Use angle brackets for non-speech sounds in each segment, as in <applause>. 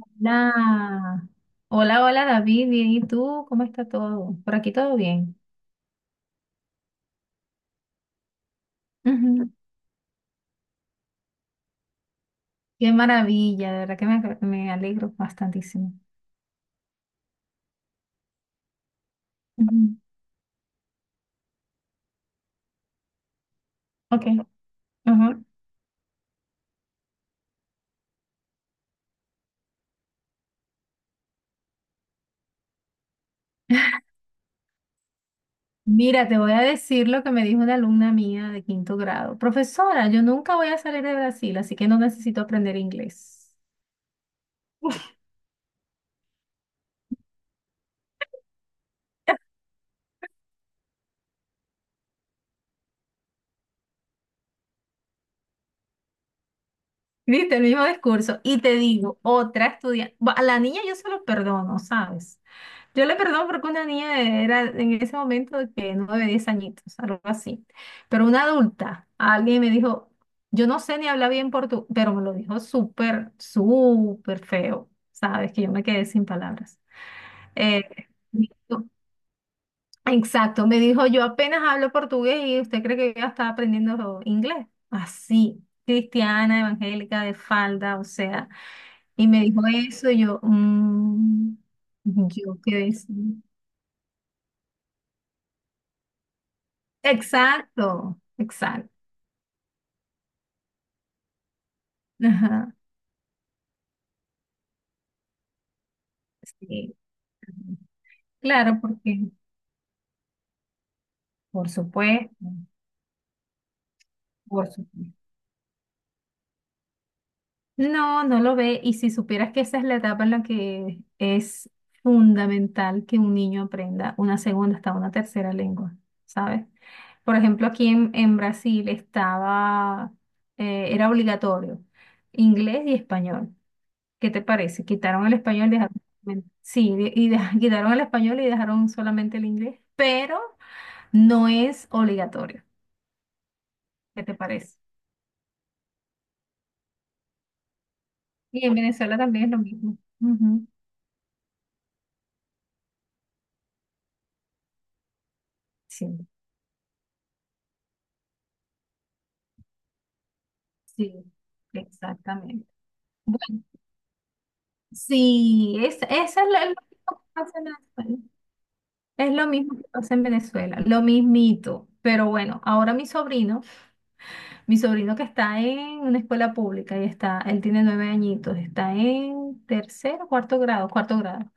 Hola, hola, hola David, bien, ¿y tú? ¿Cómo está todo? Por aquí todo bien. Ujú. Qué maravilla, de verdad que me alegro bastantísimo. Ujú. Ok, ajá. Mira, te voy a decir lo que me dijo una alumna mía de quinto grado. Profesora, yo nunca voy a salir de Brasil, así que no necesito aprender inglés. Viste, el mismo discurso. Y te digo, otra estudiante, a la niña yo se lo perdono, ¿sabes? Yo le perdono porque una niña era en ese momento de que 9, 10 añitos, algo así. Pero una adulta, alguien me dijo, yo no sé ni hablar bien portugués, pero me lo dijo súper, súper feo, ¿sabes? Que yo me quedé sin palabras. Eh, exacto, me dijo, yo apenas hablo portugués y usted cree que yo ya estaba aprendiendo inglés. Así, cristiana, evangélica, de falda, o sea. Y me dijo eso y yo, "Mm, yo quedé así". Exacto, exacto. Ajá, sí. Claro, porque, por supuesto, por supuesto. No, no lo ve. Y si supieras que esa es la etapa en la que es fundamental que un niño aprenda una segunda hasta una tercera lengua, ¿sabes? Por ejemplo, aquí en Brasil estaba, era obligatorio inglés y español. ¿Qué te parece? Quitaron el español y dejaron, <laughs> quitaron el español y dejaron solamente el inglés, pero no es obligatorio. ¿Qué te parece? Y en Venezuela también es lo mismo. Ujú. Sí. Sí, exactamente. Bueno, sí, es, eso es lo mismo que pasa en Venezuela. Es lo mismo que pasa en Venezuela, lo mismito. Pero bueno, ahora mi sobrino, que está en una escuela pública y está, él tiene 9 añitos, está en tercer cuarto grado, cuarto grado.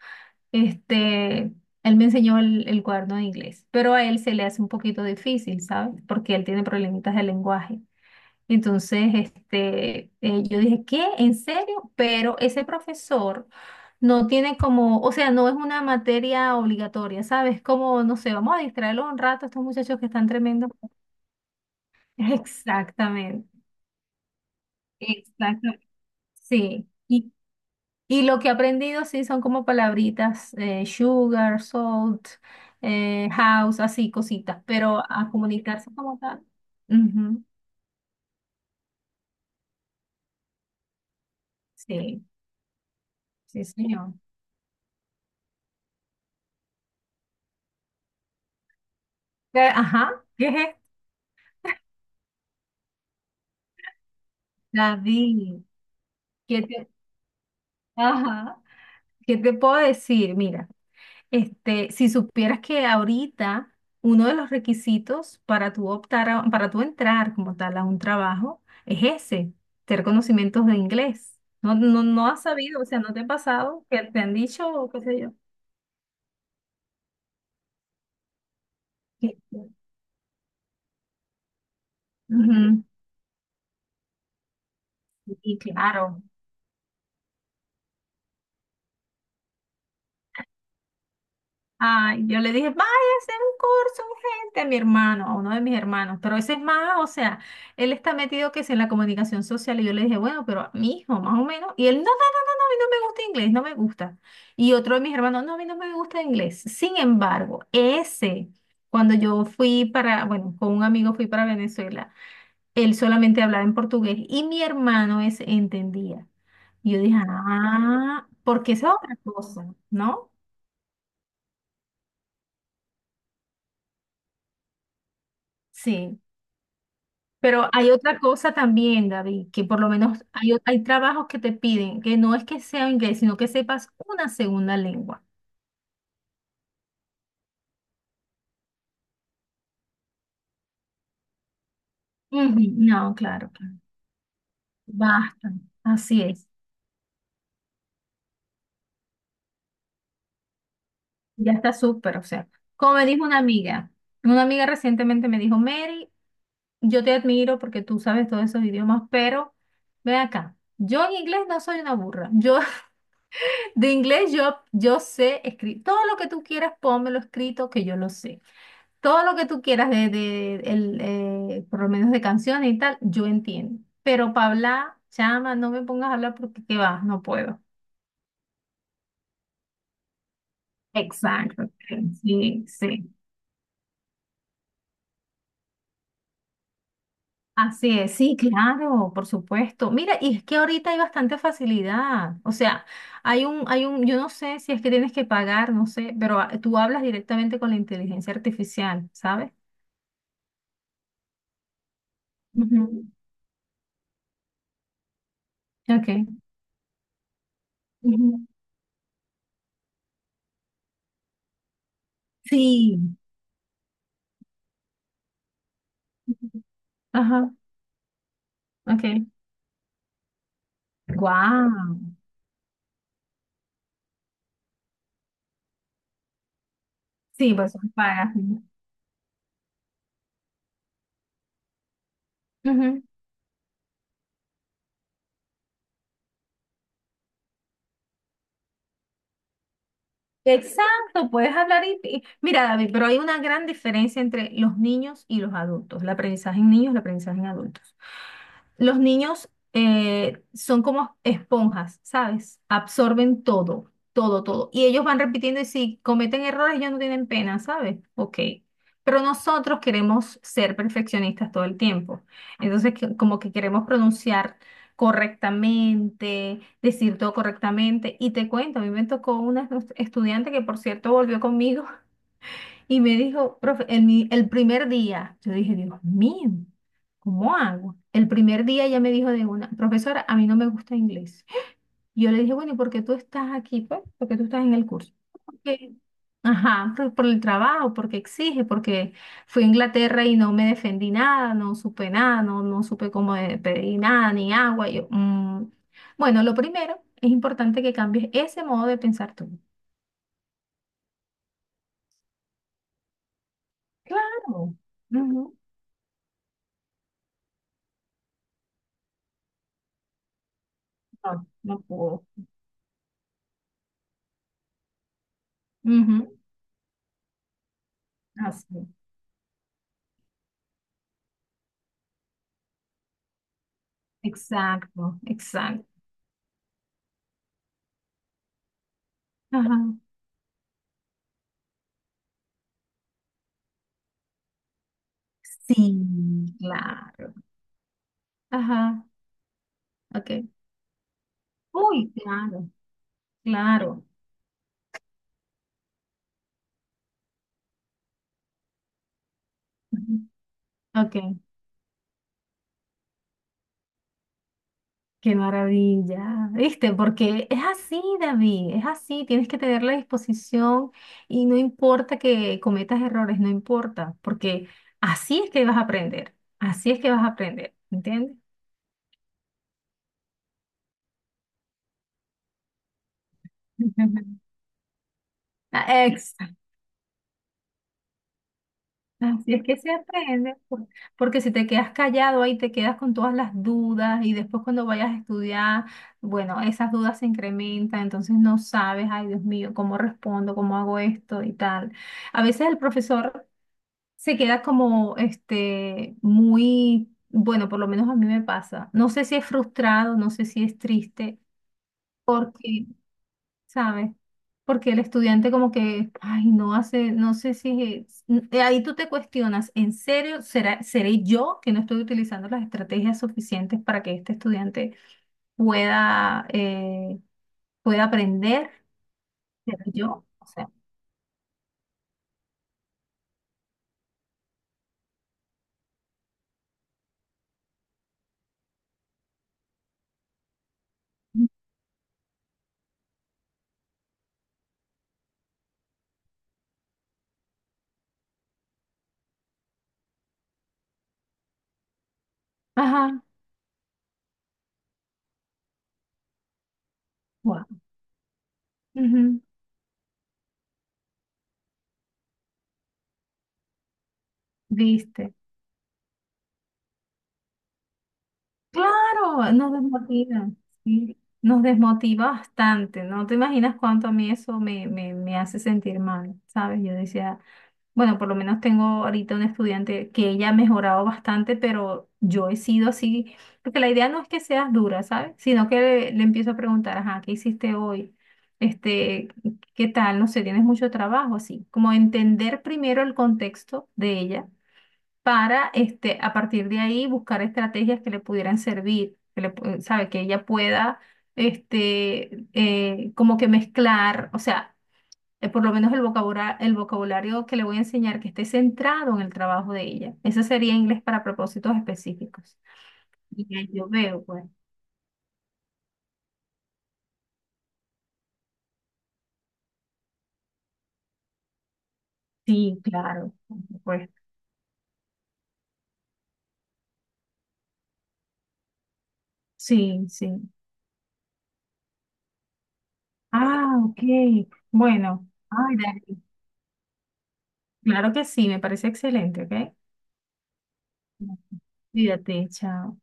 Este, él me enseñó el cuaderno de inglés, pero a él se le hace un poquito difícil, ¿sabes? Porque él tiene problemitas de lenguaje. Entonces, este, yo dije, ¿qué? ¿En serio? Pero ese profesor no tiene como, o sea, no es una materia obligatoria, ¿sabes? Como, no sé, vamos a distraerlos un rato, estos muchachos que están tremendos. <laughs> Exactamente, exactamente. Sí. Y lo que he aprendido, sí, son como palabritas, sugar, salt, house, así, cositas, pero a comunicarse como tal. Ujú, Sí, sí, señor. Ajá, ¿qué es esto? David, ¿qué te, ajá, ¿qué te puedo decir? Mira. Este, si supieras que ahorita uno de los requisitos para tú para tú entrar como tal a un trabajo es ese, tener conocimientos de inglés. No, no, no has sabido, o sea, no te ha pasado que te han dicho o qué sé yo. Sí, sí. Ujú, sí, claro. Ay, yo le dije, vaya a hacer un curso urgente a mi hermano, a uno de mis hermanos, pero ese es más, o sea, él está metido que es en la comunicación social y yo le dije, bueno, pero mi hijo, más o menos, y él no. mí no me gusta inglés, no me gusta. Y otro de mis hermanos, no, a mí no me gusta inglés. Sin embargo, ese, cuando yo fui para, bueno, con un amigo fui para Venezuela, él solamente hablaba en portugués y mi hermano ese entendía. Y yo dije, ah, porque esa es otra cosa, ¿no? Sí. Pero hay otra cosa también, David, que por lo menos hay, hay trabajos que te piden que no es que sea inglés, sino que sepas una segunda lengua. Ujú, No, claro, claro. Basta. Así es. Ya está súper, o sea, como me dijo una amiga recientemente me dijo, Mary, yo te admiro porque tú sabes todos esos idiomas, pero ven acá, yo en inglés no soy una burra, yo <laughs> de inglés yo sé escribir, todo lo que tú quieras, pónmelo escrito que yo lo sé, todo lo que tú quieras de, por lo menos de canciones y tal, yo entiendo, pero para hablar, chama, no me pongas a hablar porque qué va, no puedo. Exacto, sí, sí. Así es, sí, claro, por supuesto. Mira, y es que ahorita hay bastante facilidad. O sea, yo no sé si es que tienes que pagar, no sé, pero ah, tú hablas directamente con la inteligencia artificial, ¿sabes? Ujú. Ok. Ujú. Sí. Ujú. Ajá, ok. Wow. Sí, pues pagas, ¿no? Ujú. Exacto, puedes hablar mira, David, pero hay una gran diferencia entre los niños y los adultos, el aprendizaje en niños, el aprendizaje en adultos. Los niños son como esponjas, ¿sabes? Absorben todo, todo, todo. Y ellos van repitiendo y si cometen errores, ellos no tienen pena, ¿sabes? Ok. Pero nosotros queremos ser perfeccionistas todo el tiempo. Entonces, que- como que queremos pronunciar correctamente, decir todo correctamente. Y te cuento, a mí me tocó una estudiante que por cierto volvió conmigo <laughs> y me dijo, profe, el primer día, yo dije, Dios mío, ¿cómo hago? El primer día ella me dijo de una, profesora, a mí no me gusta inglés. Y yo le dije, bueno, ¿y por qué tú estás aquí, pues? ¿Por qué tú estás en el curso? Porque, ajá, por el trabajo, porque exige, porque fui a Inglaterra y no me defendí nada, no supe nada, no, no supe cómo pedir nada, ni agua. Y yo, "Mm". Bueno, lo primero es importante que cambies ese modo de pensar tú. Claro. Ujú. No, no puedo. Ujú. Así. Exacto, exacto. Ajá, Sí, claro. ajá, ok. Uy, Claro. Claro. Ujú. Ok, qué maravilla. ¿Viste? Porque es así, David, es así. Tienes que tener la disposición y no importa que cometas errores, no importa, porque así es que vas a aprender. Así es que vas a aprender, ¿entiendes? <laughs> Exacto. Así es que se aprende, porque si te quedas callado ahí te quedas con todas las dudas y después cuando vayas a estudiar, bueno, esas dudas se incrementan, entonces no sabes, ay Dios mío, cómo respondo, cómo hago esto y tal. A veces el profesor se queda como, este, muy, bueno, por lo menos a mí me pasa. No sé si es frustrado, no sé si es triste. Porque ¿sabes? Porque el estudiante como que, ay, no hace, no sé si, es- ahí tú te cuestionas, ¿en serio será, seré yo que no estoy utilizando las estrategias suficientes para que este estudiante pueda, eh, pueda aprender? ¿Seré yo? O sea, ajá, wow, ujú, viste. Claro, nos desmotiva, sí, nos desmotiva bastante, no te imaginas cuánto a mí eso me hace sentir mal, ¿sabes? Yo decía... Bueno, por lo menos tengo ahorita una estudiante que ella ha mejorado bastante, pero yo he sido así, porque la idea no es que seas dura, ¿sabes? Sino que le empiezo a preguntar, ajá, ¿qué hiciste hoy? Este, ¿qué tal? No sé, tienes mucho trabajo, así. Como entender primero el contexto de ella para, este, a partir de ahí buscar estrategias que le pudieran servir, que le, ¿sabe? Que ella pueda, este, como que mezclar, o sea por lo menos el vocabulario que le voy a enseñar que esté centrado en el trabajo de ella. Ese sería inglés para propósitos específicos. Y ahí yo veo, pues. Sí, claro, por supuesto. Sí, sí. Ah, ok. Bueno, ay, Dani, claro que sí, me parece excelente, ¿ok? Cuídate, chao.